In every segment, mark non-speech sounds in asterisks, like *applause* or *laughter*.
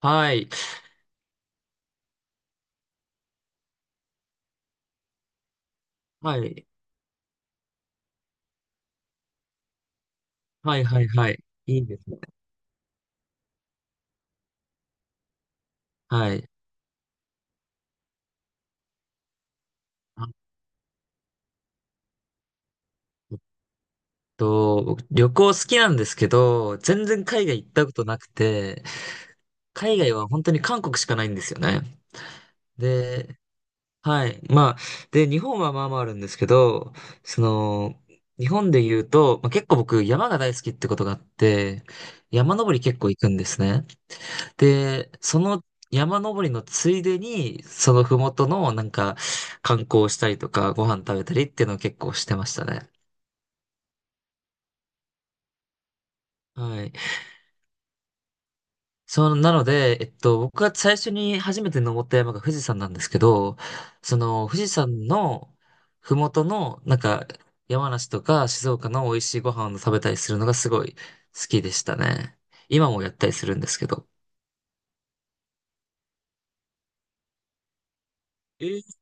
はい。はい。はい、はい、はい。いいですね。はい。あえっ僕旅行好きなんですけど、全然海外行ったことなくて、海外は本当に韓国しかないんですよね。で、はい。まあ、で、日本はまあまああるんですけど、その、日本で言うと、まあ、結構僕山が大好きってことがあって、山登り結構行くんですね。で、その山登りのついでに、そのふもとのなんか観光したりとか、ご飯食べたりっていうのを結構してましたね。はい。そう、なので、僕が最初に初めて登った山が富士山なんですけど、その富士山のふもとの、なんか山梨とか静岡の美味しいご飯を食べたりするのがすごい好きでしたね。今もやったりするんですけど。えー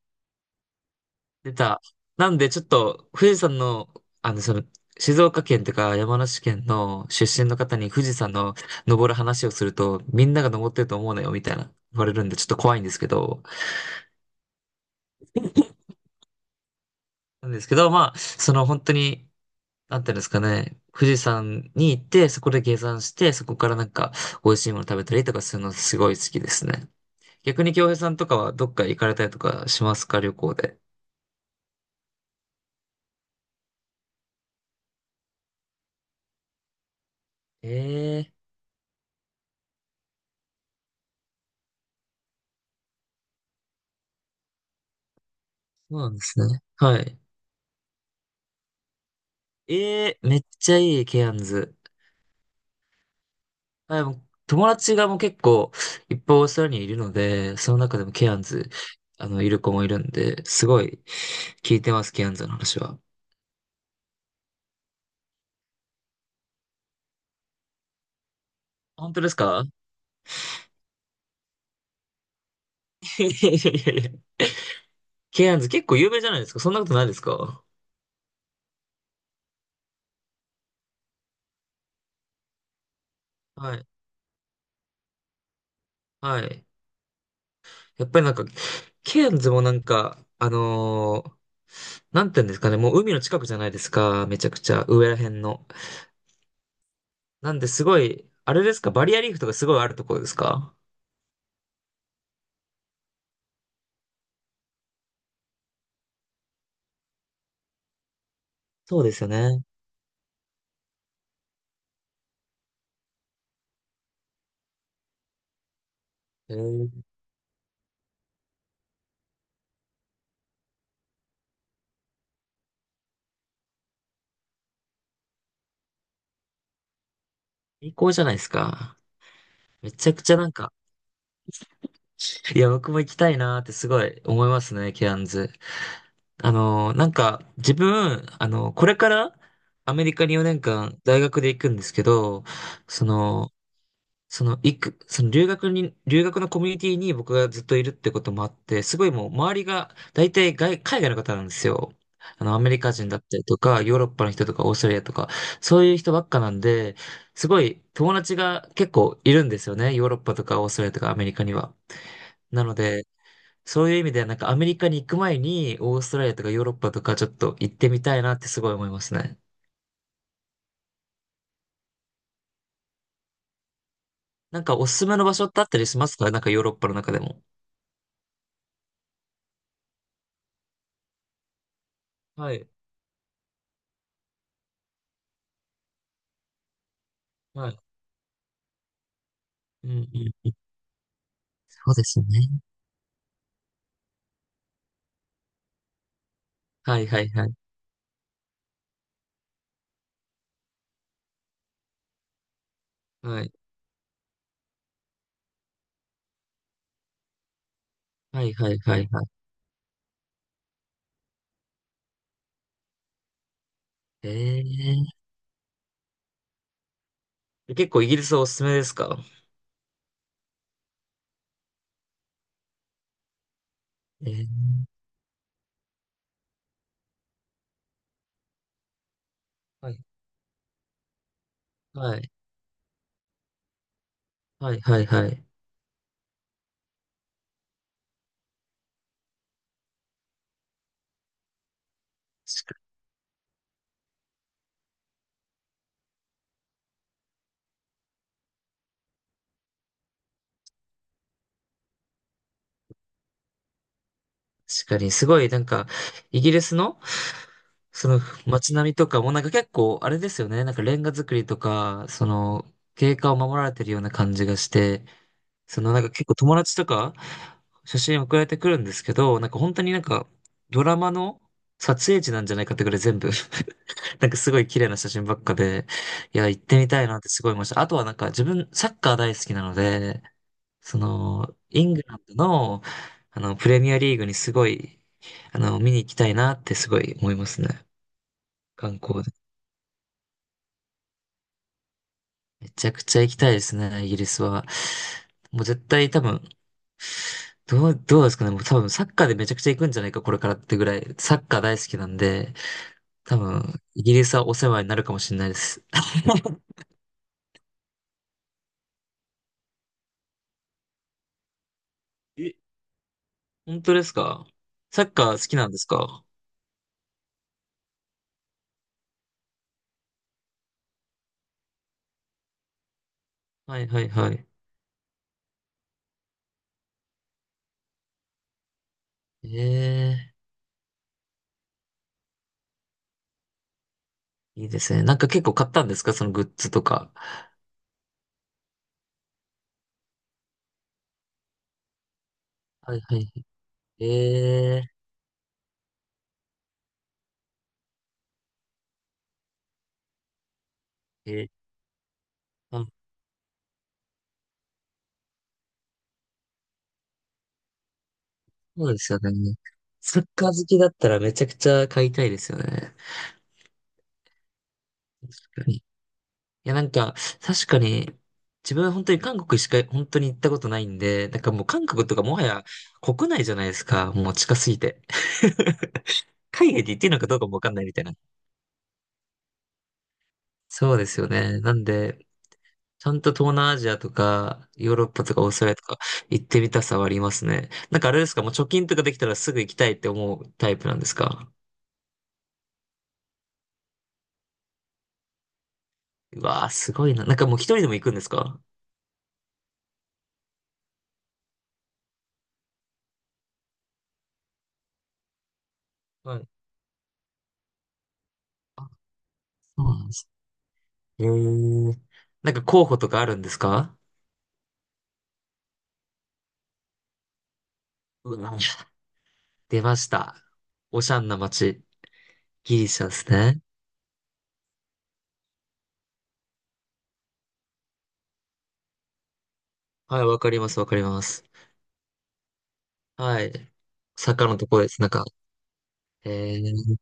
出た。なんで、ちょっと、富士山の、あの、その、静岡県とか山梨県の出身の方に富士山の登る話をすると、みんなが登ってると思うなよ、みたいな言われるんで、ちょっと怖いんですけど、なんですけど、まあ、その本当に、なんていうんですかね、富士山に行って、そこで下山して、そこからなんか、美味しいもの食べたりとかするのすごい好きですね。逆に京平さんとかはどっか行かれたりとかしますか、旅行で。ええーそうなんですね。はい。ええーめっちゃいい、ケアンズ。あでも友達がもう結構いっぱいオーストラリアにいるので、その中でもケアンズ、あの、いる子もいるんで、すごい聞いてます、ケアンズの話は。本当ですか？ *laughs* いやいやいやいや。ケアンズ結構有名じゃないですか。そんなことないですか？はい。はい。やっぱりなんか、ケアンズもなんか、なんて言うんですかね、もう海の近くじゃないですか。めちゃくちゃ、上ら辺の。なんですごい、あれですか、バリアリーフとかすごいあるところですか？そうですよね。えー、最高じゃないですか。めちゃくちゃなんか、いや、僕も行きたいなーってすごい思いますね、ケアンズ。なんか、自分、これからアメリカに4年間大学で行くんですけど、その、その、行く、その留学に、留学のコミュニティに僕がずっといるってこともあって、すごいもう周りが大体外、海外の方なんですよ。あの、アメリカ人だったりとか、ヨーロッパの人とか、オーストラリアとか、そういう人ばっかなんで、すごい友達が結構いるんですよね。ヨーロッパとかオーストラリアとかアメリカには。なので、そういう意味ではなんかアメリカに行く前にオーストラリアとかヨーロッパとかちょっと行ってみたいなってすごい思いますね。なんかおすすめの場所ってあったりしますか？なんかヨーロッパの中でも。はい。はい。うんうん。そうですね。はいはいはい。はい。はいはいはいはい。ええ結構イギリスはおすすめですか？ええはい。はい。はいはいはい。確かに、すごい、なんか、イギリスの、その街並みとかも、なんか結構、あれですよね、なんかレンガ造りとか、その、経過を守られてるような感じがして、その、なんか結構友達とか、写真送られてくるんですけど、なんか本当になんか、ドラマの撮影地なんじゃないかってぐらい全部 *laughs* なんかすごい綺麗な写真ばっかで、いや、行ってみたいなってすごい思いました。あとはなんか自分、サッカー大好きなので、その、イングランドの、あの、プレミアリーグにすごいあの、見に行きたいなってすごい思いますね。観光で。めちゃくちゃ行きたいですね、イギリスは。もう絶対多分、どう、どうですかね。もう多分サッカーでめちゃくちゃ行くんじゃないか、これからってぐらい。サッカー大好きなんで、多分、イギリスはお世話になるかもしれないです。*laughs* え、本当ですか？サッカー好きなんですか？はいはいはい。ええいいですね。なんか結構買ったんですか？そのグッズとか。はいはい。えええー、そうですよね。サッカー好きだったらめちゃくちゃ買いたいですよね。確かに。いや、なんか、確かに、自分は本当に韓国しか本当に行ったことないんで、なんかもう韓国とかもはや国内じゃないですか。もう近すぎて。*laughs* 海外で行っていいのかどうかもわかんないみたいな。そうですよね。なんで、ちゃんと東南アジアとか、ヨーロッパとかオーストラリアとか行ってみたさはありますね。なんかあれですか、もう貯金とかできたらすぐ行きたいって思うタイプなんですか？うわー、すごいな。なんかもう一人でも行くんですか？はいあ、そうなんです。えー、なんか候補とかあるんですか？うわ、*laughs* 出ました。おしゃんな街。ギリシャですね。はい、わかります、わかります。はい。坂のとこです。なんか、えー、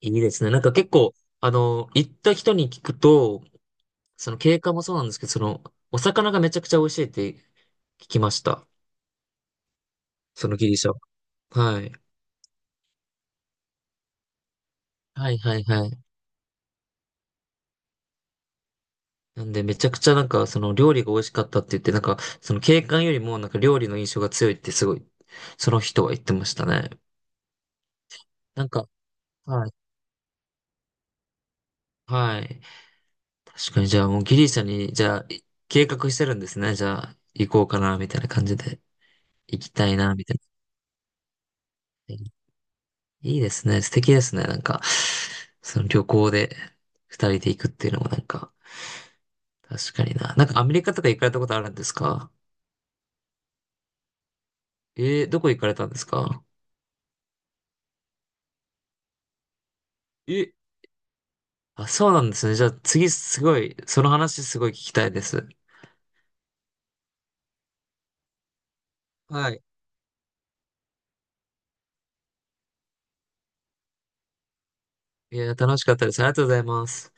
いいですね。なんか結構、あの、行った人に聞くと、その景観もそうなんですけど、その、お魚がめちゃくちゃ美味しいって聞きました。そのギリシャは。はい。はい、はい、はい。なんで、めちゃくちゃなんか、その料理が美味しかったって言って、なんか、その景観よりもなんか料理の印象が強いってすごい、その人は言ってましたね。なんか、はい。はい。確かに、じゃあもうギリシャに、じゃあ、い計画してるんですね。じゃあ、行こうかな、みたいな感じで。行きたいな、みたいな。いいですね。素敵ですね。なんか、その旅行で二人で行くっていうのもなんか、確かにな。なんかアメリカとか行かれたことあるんですか？えー、どこ行かれたんですか？え、あ、そうなんですね。じゃあ次すごい、その話すごい聞きたいです。はい。いや、楽しかったです。ありがとうございます。